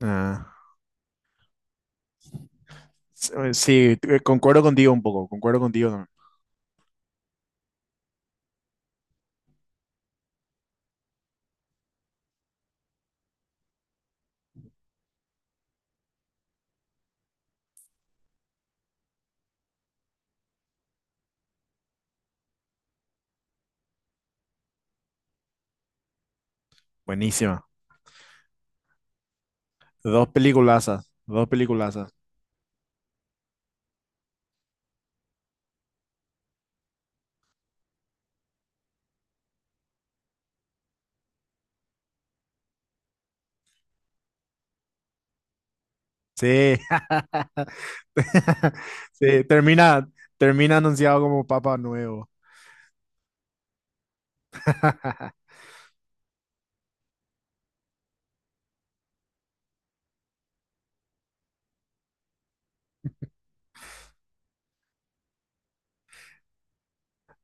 Ah, sí, concuerdo contigo un poco, concuerdo contigo también. Buenísima. Dos peliculazas, dos peliculazas. Sí. Sí, termina anunciado como Papa Nuevo.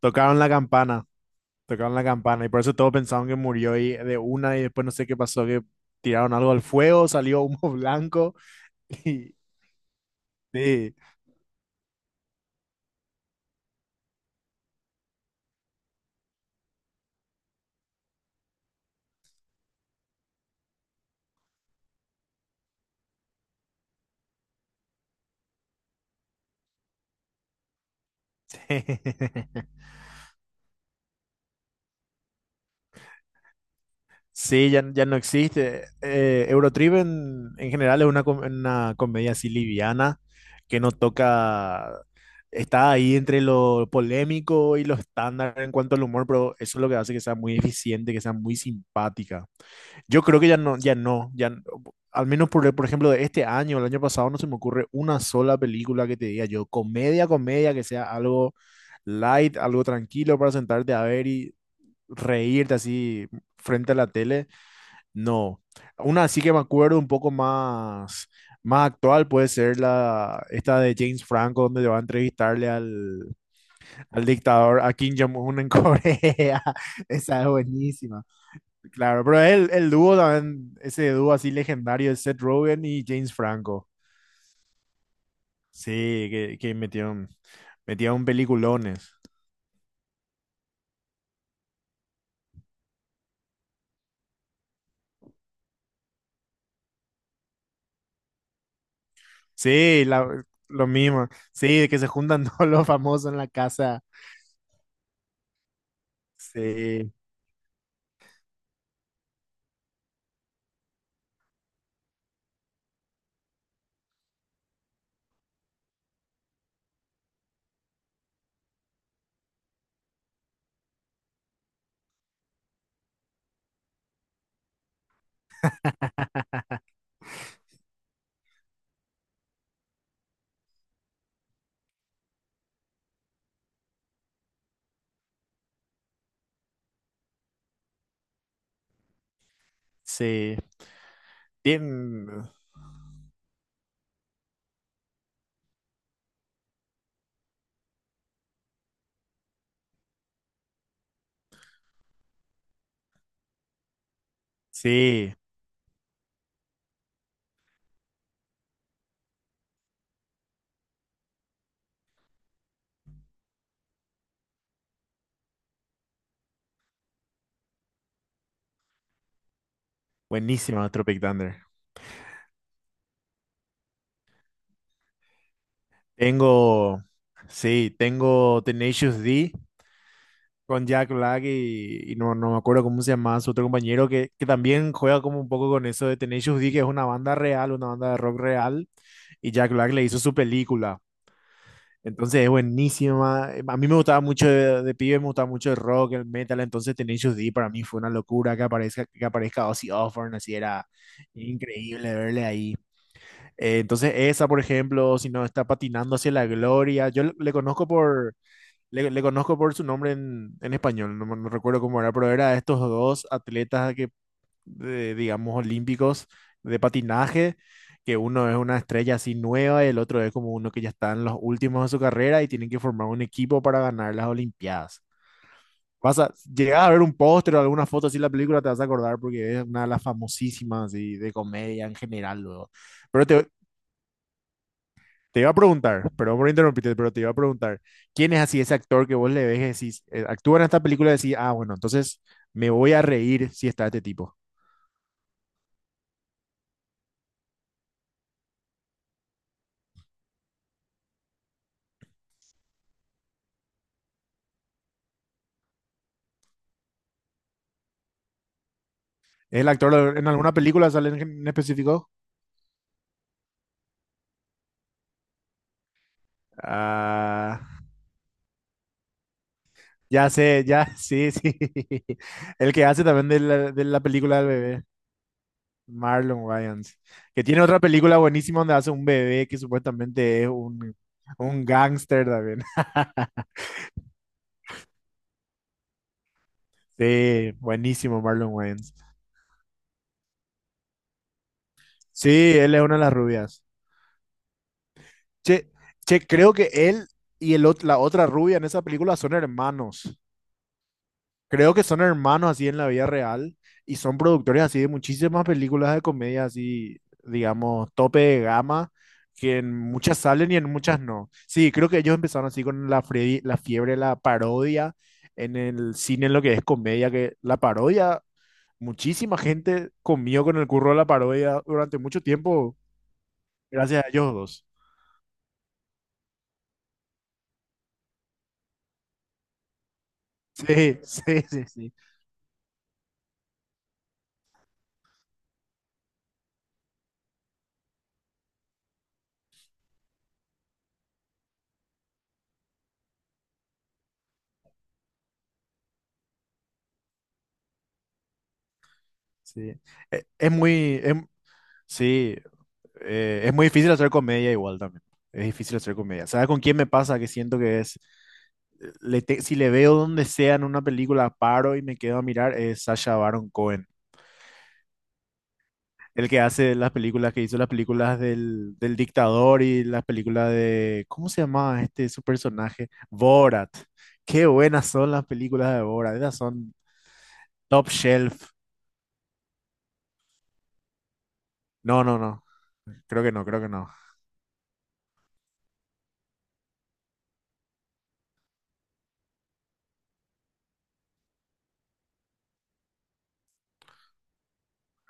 Tocaron la campana, tocaron la campana y por eso todos pensaban que murió y de una y después no sé qué pasó, que tiraron algo al fuego, salió humo blanco y sí. Sí, ya, ya no existe. Eurotrip en general es una comedia así liviana que no toca, está ahí entre lo polémico y lo estándar en cuanto al humor, pero eso es lo que hace que sea muy eficiente, que sea muy simpática. Yo creo que ya no, ya no, ya, n- al menos por ejemplo de este año, el año pasado, no se me ocurre una sola película que te diga yo, comedia, comedia, que sea algo light, algo tranquilo para sentarte a ver y reírte así frente a la tele. No, una sí que me acuerdo un poco más, más actual puede ser esta de James Franco, donde le va a entrevistarle al dictador, a Kim Jong-un en Corea. Esa es buenísima. Claro, pero el dúo también, ese dúo así legendario de Seth Rogen y James Franco. Sí, metieron peliculones. Sí, la- lo mismo. Sí, que se juntan todos los famosos en la casa. Sí, sí. Bien, sí, buenísima Tropic Thunder. Tengo, sí, tengo Tenacious D con Jack Black y, no me acuerdo cómo se llama su otro compañero que también juega como un poco con eso de Tenacious D, que es una banda real, una banda de rock real, y Jack Black le hizo su película. Entonces es buenísima. A mí me gustaba mucho de pibe, me gustaba mucho el rock, el metal, entonces Tenacious D para mí fue una locura que aparezca Ozzy Osbourne, así era increíble verle ahí. Entonces esa, por ejemplo, si no está patinando hacia la gloria, le conozco por, le conozco por su nombre en español, no, no recuerdo cómo era, pero era estos dos atletas que, digamos, olímpicos de patinaje, que uno es una estrella así nueva y el otro es como uno que ya está en los últimos de su carrera y tienen que formar un equipo para ganar las Olimpiadas. Llegas a ver un póster o alguna foto así de la película, te vas a acordar porque es una de las famosísimas así, de comedia en general luego. Pero te, Te iba a preguntar, perdón por interrumpirte, pero te iba a preguntar, ¿quién es así ese actor que vos le ves y decís, actúa en esta película y decís, ah, bueno, entonces me voy a reír si está este tipo? ¿Es el actor en alguna película sale en específico? Ah, ya sé, ya, sí, sí. El que hace también de la película del bebé, Marlon Wayans, que tiene otra película buenísima donde hace un bebé que supuestamente es un gángster también. Sí, buenísimo Marlon Wayans. Sí, él es una de las rubias. Che, che, creo que él y la otra rubia en esa película son hermanos. Creo que son hermanos así en la vida real y son productores así de muchísimas películas de comedia así, digamos, tope de gama, que en muchas salen y en muchas no. Sí, creo que ellos empezaron así con la fiebre de la parodia en el cine, en lo que es comedia, que la parodia, muchísima gente comió con el curro de la parodia durante mucho tiempo, gracias a ellos dos. Sí, sí, sí, sí. Sí. E- Es, muy, em- sí, es muy difícil hacer comedia igual también. Es difícil hacer comedia. ¿Sabes con quién me pasa? Que siento que es, le te- Si le veo donde sea en una película, paro y me quedo a mirar, es Sacha Baron Cohen. El que hace las películas, que hizo las películas del dictador y las películas de, ¿cómo se llamaba este su personaje? Borat. Qué buenas son las películas de Borat. Esas son top shelf. No, no, no. Creo que no, creo que no.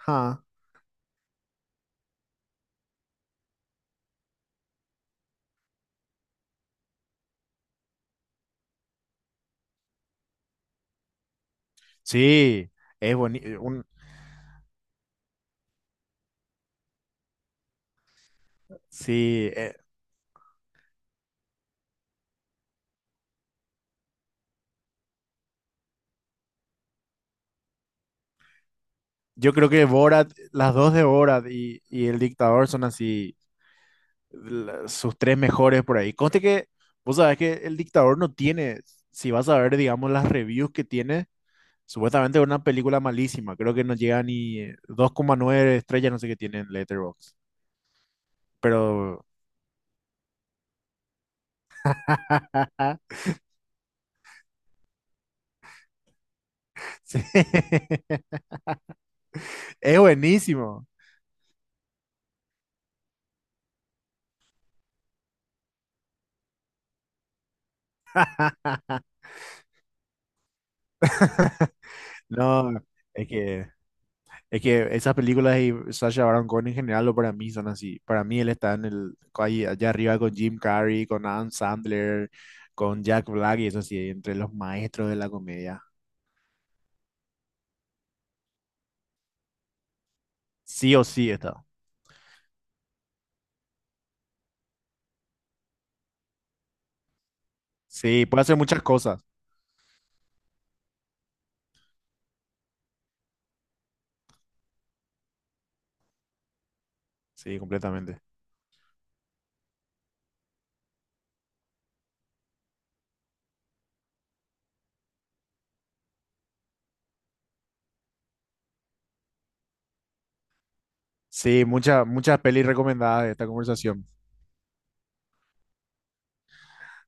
Ja. Sí, es bonito. Sí, yo creo que Borat, las dos de Borat y El Dictador son así, sus tres mejores por ahí. Conste que, vos sabés que El Dictador no tiene, si vas a ver, digamos, las reviews que tiene, supuestamente es una película malísima. Creo que no llega ni 2,9 estrellas, no sé qué tiene en Letterboxd. Pero sí, es buenísimo. No, es que... Es que esas películas y Sacha Baron Cohen en general, lo para mí son así. Para mí él está en el, ahí, allá arriba con Jim Carrey, con Adam Sandler, con Jack Black y eso sí, entre los maestros de la comedia. Sí o sí está. Sí, puede hacer muchas cosas. Sí, completamente. Sí, muchas muchas pelis recomendadas de esta conversación.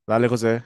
Dale, José.